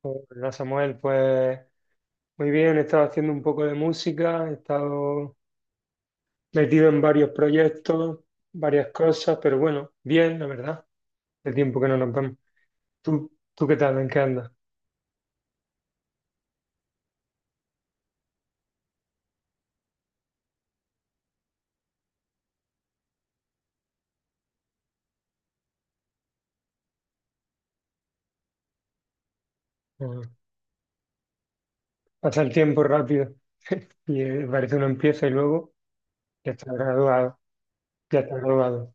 Pues, hola Samuel, pues muy bien, he estado haciendo un poco de música, he estado metido en varios proyectos, varias cosas, pero bueno, bien, la verdad, el tiempo que no nos vemos. ¿Tú qué tal? ¿En qué andas? Mm. Pasa el tiempo rápido. Y parece uno empieza y luego ya está graduado, ya está graduado.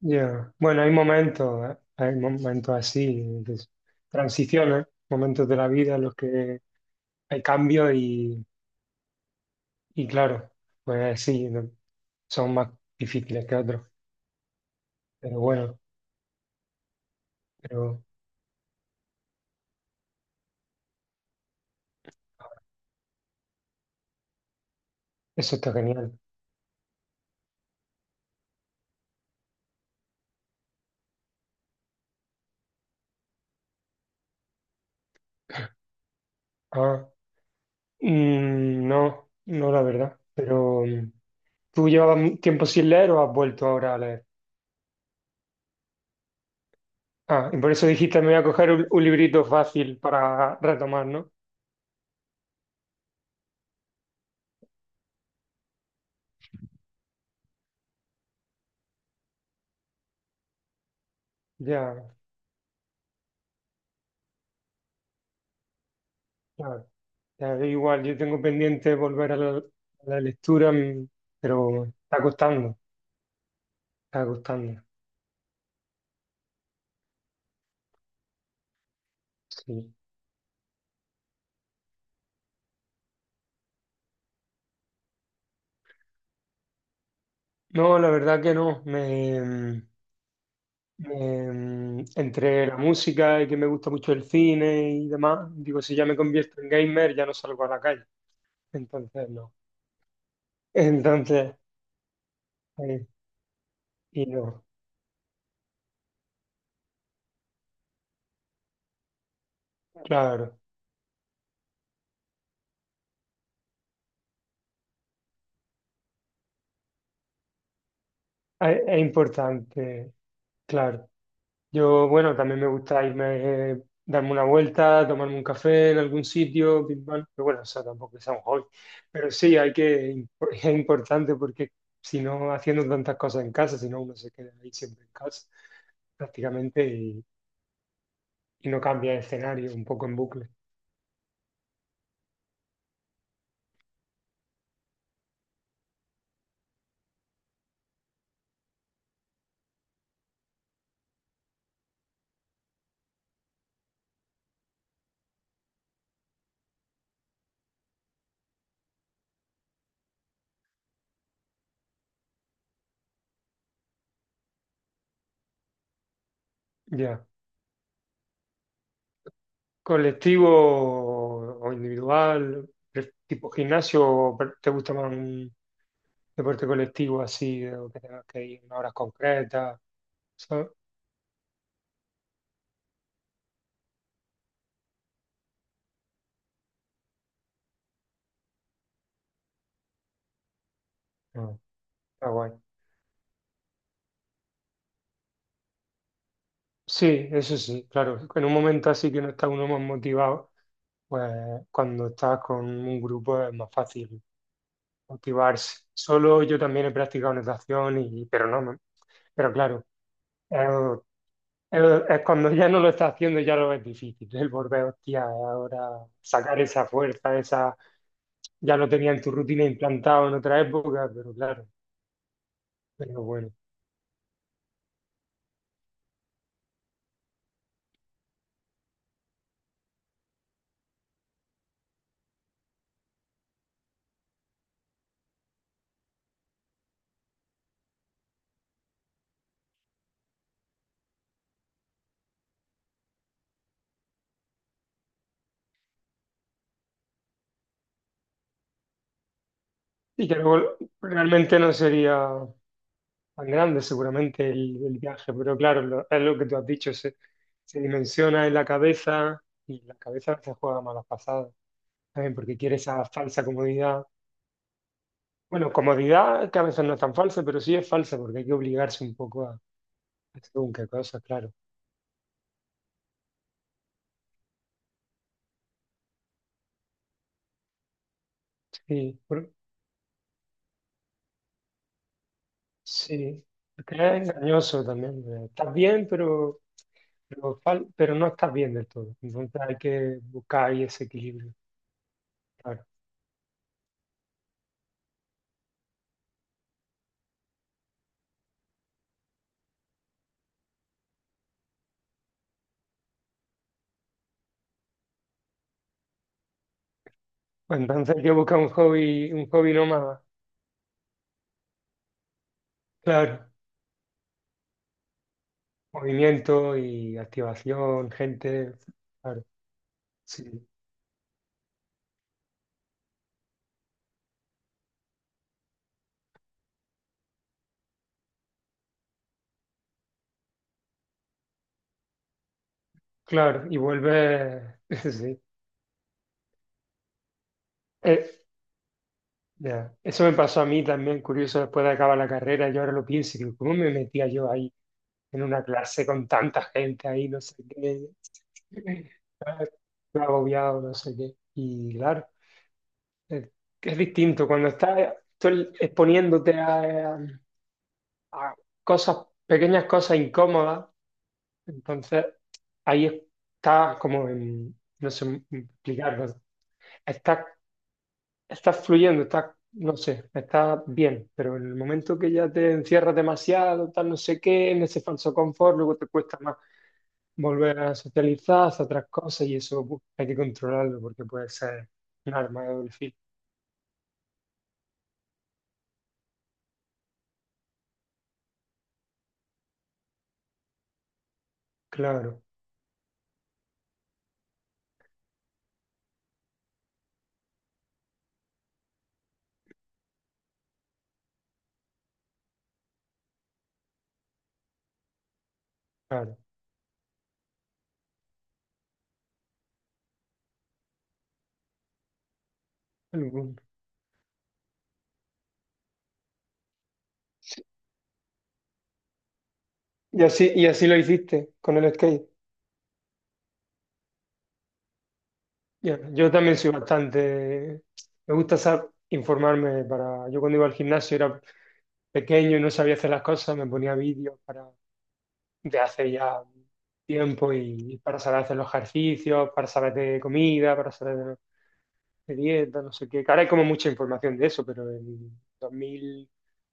Ya. Bueno, hay momentos, ¿eh? Hay momentos así, transiciones, momentos de la vida en los que hay cambios y claro, pues sí, no, son más difíciles que otros, pero bueno, pero eso está genial. Ah, mm, no, no la verdad, pero ¿tú llevabas tiempo sin leer o has vuelto ahora a leer? Ah, y por eso dijiste, me voy a coger un librito fácil para retomar, ¿no? Ya, claro. Ya, igual, yo tengo pendiente volver a la lectura, pero está costando, está costando. Sí. No, la verdad que no. Entre la música y que me gusta mucho el cine y demás, digo, si ya me convierto en gamer, ya no salgo a la calle. Entonces, no. Entonces, eh, y no, claro. Es importante, claro. Yo, bueno, también me gusta irme, darme una vuelta, tomarme un café en algún sitio, que, bueno, pero bueno, eso tampoco es un hobby. Pero sí, hay que, es importante porque si no, haciendo tantas cosas en casa, si no, uno se queda ahí siempre en casa, prácticamente, y no cambia de escenario, un poco en bucle. Ya. Colectivo o individual, tipo gimnasio, o ¿te gusta más un deporte colectivo así, o que tengas que ir en horas concretas, sabes? Mm. Está guay. Sí, eso sí, claro, en un momento así que no está uno más motivado, pues cuando estás con un grupo es más fácil motivarse. Solo, yo también he practicado natación, y, pero no, no. Pero claro, el- es cuando ya no lo estás haciendo ya lo ves difícil, el volver, hostia, ahora sacar esa fuerza, esa, ya lo tenía en tu rutina implantado en otra época, pero claro, pero bueno. Y que luego realmente no sería tan grande seguramente el viaje, pero claro, es lo que tú has dicho, se dimensiona en la cabeza y la cabeza se juega malas pasadas. ¿Saben? Porque quiere esa falsa comodidad. Bueno, comodidad que a veces no es tan falsa, pero sí es falsa porque hay que obligarse un poco a hacer un que cosa, claro. Sí, sí, porque es engañoso también. Estás bien, pero, pero no estás bien del todo. Entonces hay que buscar ahí ese equilibrio, claro. Bueno, entonces hay que buscar un hobby nómada, claro. Movimiento y activación, gente, claro, sí, claro. Y vuelve, sí. Eh, ya. Eso me pasó a mí también, curioso, después de acabar la carrera, yo ahora lo pienso, y digo, ¿cómo me metía yo ahí en una clase con tanta gente ahí, no sé qué? Estaba agobiado, no sé qué. Y claro, es, es distinto cuando estás tú exponiéndote a cosas, pequeñas cosas incómodas, entonces ahí estás como en, no sé explicarlo, estás está fluyendo, está, no sé, está bien, pero en el momento que ya te encierras demasiado, tal, no sé qué, en ese falso confort, luego te cuesta más volver a socializar, hacer otras cosas y eso pues, hay que controlarlo porque puede ser un arma de doble filo. Claro, claro. El boom. Y así lo hiciste con el skate. Ya, yo también soy bastante, me gusta informarme para, yo cuando iba al gimnasio era pequeño y no sabía hacer las cosas, me ponía vídeos para de hace ya tiempo y para saber hacer los ejercicios, para saber de comida, para saber de dieta, no sé qué. Que ahora hay como mucha información de eso, pero en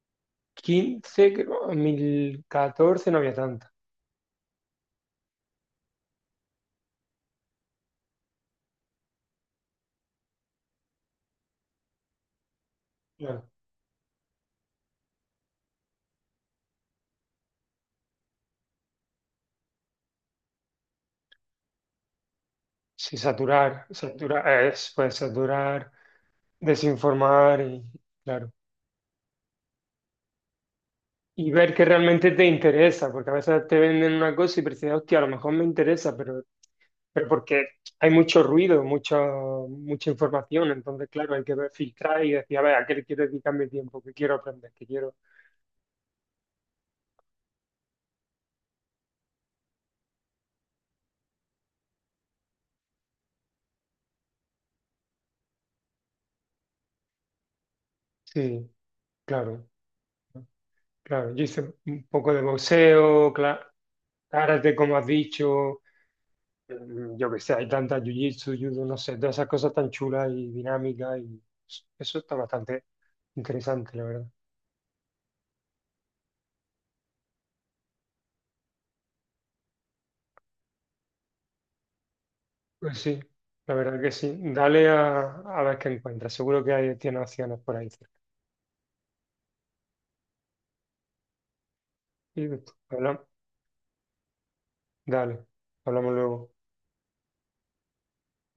2015, creo, 2014 no había tanta. Bueno, sí, saturar, saturar, es, pues saturar, desinformar y, claro. Y ver que realmente te interesa, porque a veces te venden una cosa y prefieres, hostia, a lo mejor me interesa, pero porque hay mucho ruido, mucha, mucha información, entonces, claro, hay que filtrar y decir, a ver, ¿a qué le quiero dedicar mi tiempo? ¿Qué quiero aprender? ¿Qué quiero? Sí, claro, claro. Yo hice un poco de boxeo, claro, karate, como has dicho, mm, yo qué sé, hay tantas jiu-jitsu, judo, no sé, todas esas cosas tan chulas y dinámicas, y eso está bastante interesante, la verdad. Pues sí, la verdad que sí. Dale a ver qué encuentras. Seguro que hay, tiene opciones por ahí cerca. Y, pues, habla- dale, hablamos luego.